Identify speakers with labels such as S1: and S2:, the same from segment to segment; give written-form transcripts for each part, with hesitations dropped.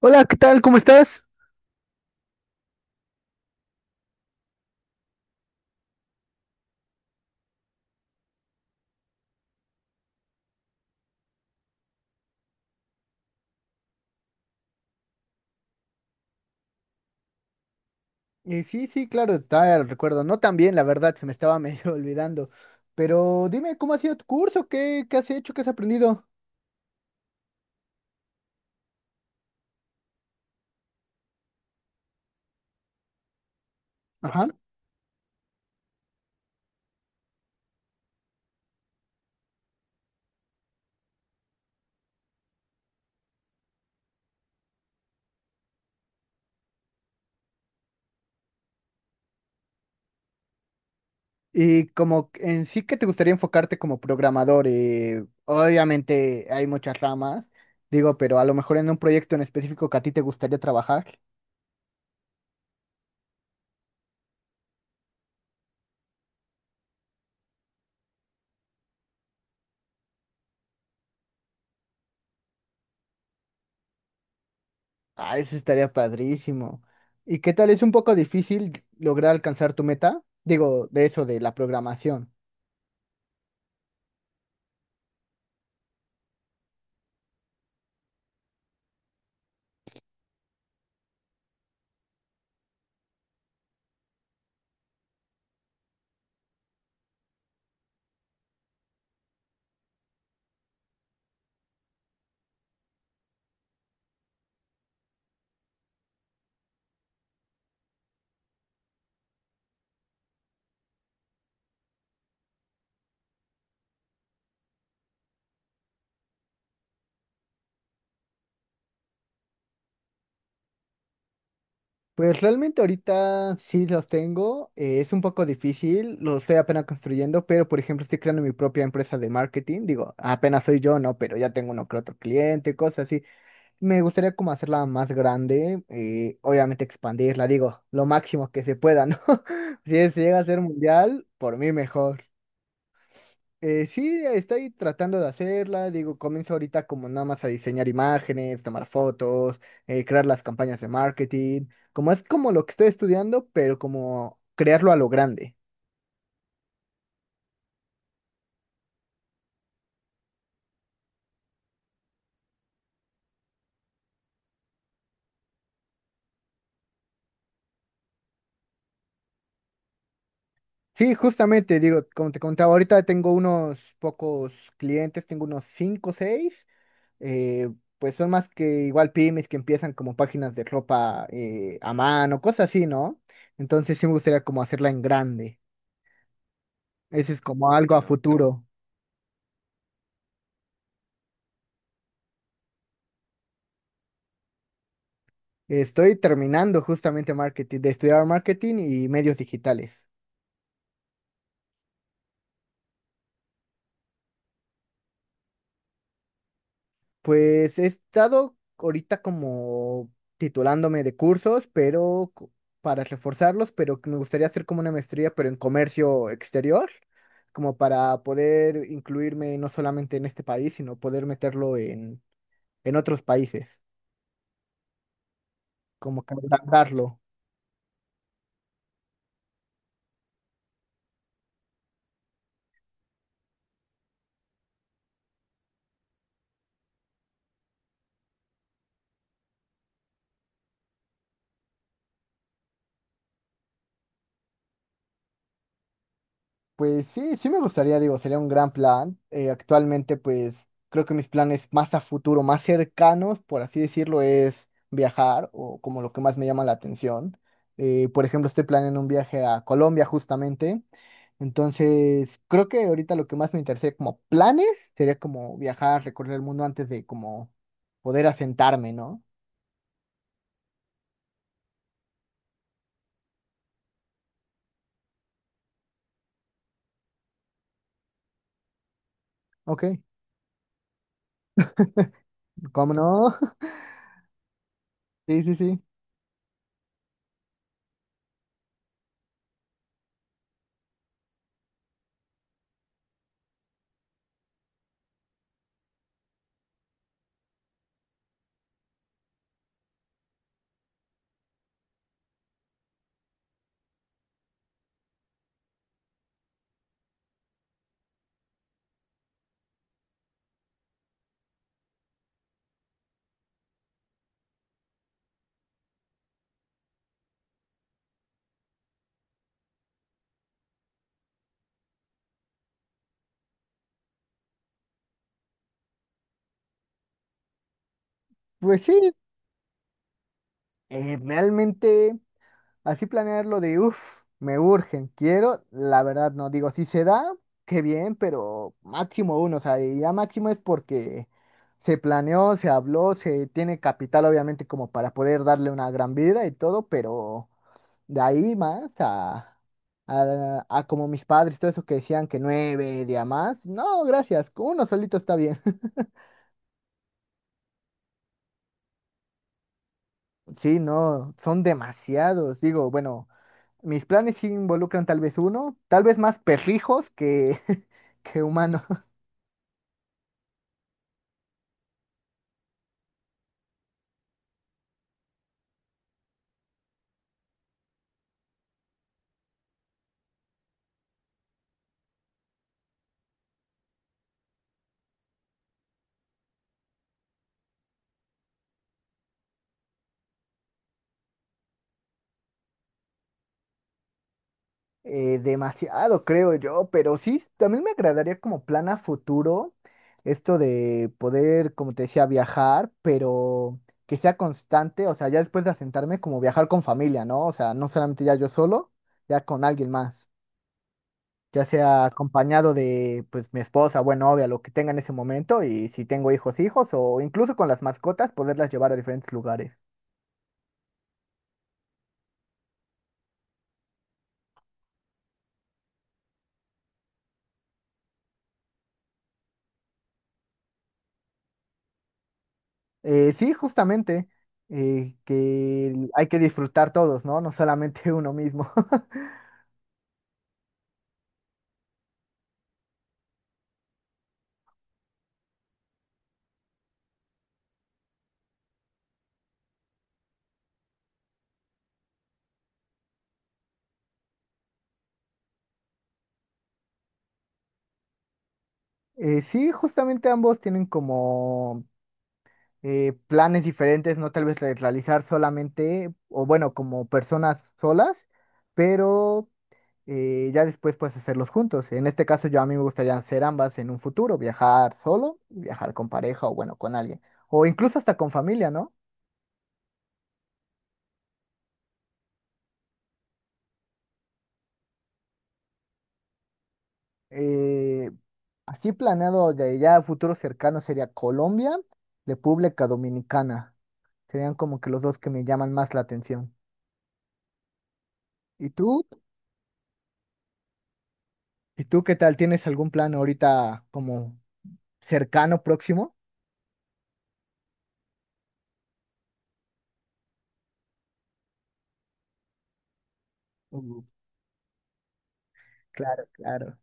S1: Hola, ¿qué tal? ¿Cómo estás? Sí, sí, claro, está el recuerdo. No tan bien, la verdad, se me estaba medio olvidando. Pero dime, ¿cómo ha sido tu curso? ¿Qué has hecho? ¿Qué has aprendido? Ajá. Y como en sí que te gustaría enfocarte como programador. Obviamente hay muchas ramas, digo, pero a lo mejor en un proyecto en específico que a ti te gustaría trabajar. Ah, eso estaría padrísimo. ¿Y qué tal? ¿Es un poco difícil lograr alcanzar tu meta? Digo, de eso, de la programación. Pues realmente ahorita sí los tengo, es un poco difícil, lo estoy apenas construyendo, pero por ejemplo estoy creando mi propia empresa de marketing, digo, apenas soy yo, ¿no? Pero ya tengo uno que otro cliente, cosas así. Me gustaría como hacerla más grande, obviamente expandirla, digo, lo máximo que se pueda, ¿no? Si se llega a ser mundial, por mí mejor. Sí, estoy tratando de hacerla, digo, comienzo ahorita como nada más a diseñar imágenes, tomar fotos, crear las campañas de marketing, como es como lo que estoy estudiando, pero como crearlo a lo grande. Sí, justamente, digo, como te contaba, ahorita tengo unos pocos clientes, tengo unos 5 o 6, pues son más que igual pymes que empiezan como páginas de ropa a mano, cosas así, ¿no? Entonces sí me gustaría como hacerla en grande, ese es como algo a futuro. Estoy terminando justamente marketing, de estudiar marketing y medios digitales. Pues he estado ahorita como titulándome de cursos, pero co- para reforzarlos, pero que me gustaría hacer como una maestría, pero en comercio exterior, como para poder incluirme no solamente en este país, sino poder meterlo en otros países, como que agrandarlo. Pues sí, sí me gustaría, digo, sería un gran plan. Actualmente, pues creo que mis planes más a futuro, más cercanos, por así decirlo, es viajar o como lo que más me llama la atención. Por ejemplo, estoy planeando un viaje a Colombia justamente. Entonces, creo que ahorita lo que más me interesa como planes sería como viajar, recorrer el mundo antes de como poder asentarme, ¿no? Ok, ¿cómo no? Sí, sí, sí. Pues sí, realmente. Así planearlo de, uff, me urgen, quiero, la verdad no, digo, si se da, qué bien, pero máximo uno, o sea, y ya máximo es porque se planeó, se habló, se tiene capital obviamente como para poder darle una gran vida y todo, pero de ahí más a como mis padres, todo eso que decían que nueve, día más, no, gracias, con uno solito está bien. Sí, no, son demasiados, digo, bueno. Mis planes sí involucran tal vez uno, tal vez más perrijos que, que humanos. Demasiado, creo yo, pero sí, también me agradaría como plan a futuro esto de poder, como te decía, viajar, pero que sea constante, o sea, ya después de asentarme, como viajar con familia, ¿no? O sea, no solamente ya yo solo, ya con alguien más, ya sea acompañado de, pues, mi esposa, buena novia, lo que tenga en ese momento, y si tengo hijos, hijos, o incluso con las mascotas, poderlas llevar a diferentes lugares. Sí, justamente, que hay que disfrutar todos, ¿no? No solamente uno mismo. Sí, justamente ambos tienen como planes diferentes, no tal vez de realizar solamente, o bueno, como personas solas, pero ya después puedes hacerlos juntos. En este caso, yo a mí me gustaría hacer ambas en un futuro, viajar solo, viajar con pareja o bueno, con alguien, o incluso hasta con familia, ¿no? Eh, Así planeado de ya a futuro cercano sería Colombia, República Dominicana. Serían como que los dos que me llaman más la atención. ¿Y tú? ¿Y tú qué tal? ¿Tienes algún plan ahorita como cercano, próximo? Uh, claro, claro.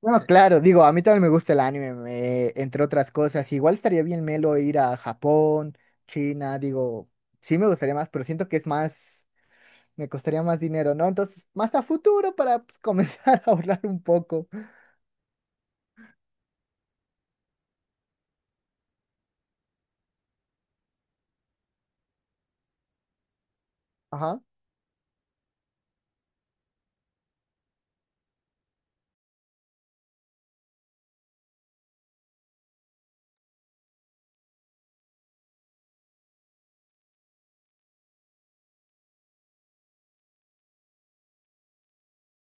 S1: Bueno, claro, digo, a mí también me gusta el anime, me- entre otras cosas. Igual estaría bien melo ir a Japón, China, digo, sí me gustaría más, pero siento que es más. Me costaría más dinero, ¿no? Entonces, más a futuro para pues, comenzar a ahorrar un poco. Ajá.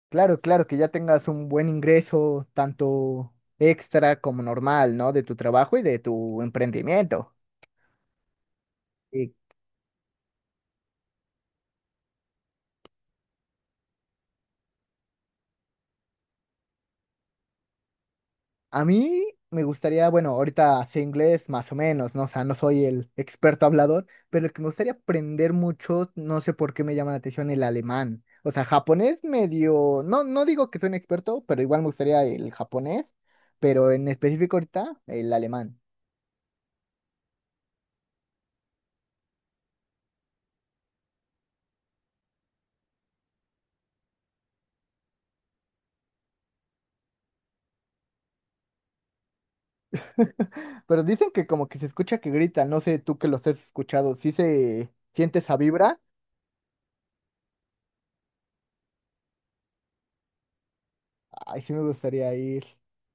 S1: Claro, claro, que ya tengas un buen ingreso, tanto extra como normal, ¿no? De tu trabajo y de tu emprendimiento. Y a mí me gustaría, bueno, ahorita sé inglés más o menos, ¿no? O sea, no soy el experto hablador, pero el que me gustaría aprender mucho, no sé por qué me llama la atención el alemán. O sea, japonés medio, no, no digo que soy un experto, pero igual me gustaría el japonés, pero en específico ahorita el alemán. Pero dicen que como que se escucha que gritan, no sé tú que los has escuchado, ¿sí se siente esa vibra? Ay, sí me gustaría ir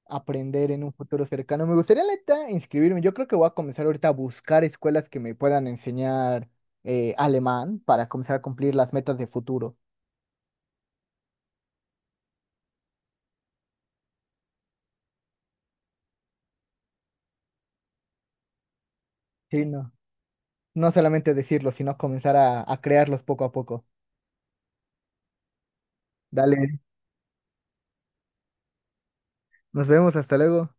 S1: a aprender en un futuro cercano. Me gustaría, la neta, inscribirme. Yo creo que voy a comenzar ahorita a buscar escuelas que me puedan enseñar alemán para comenzar a cumplir las metas de futuro. Sí, no. No solamente decirlo, sino comenzar a crearlos poco a poco. Dale, nos vemos, hasta luego.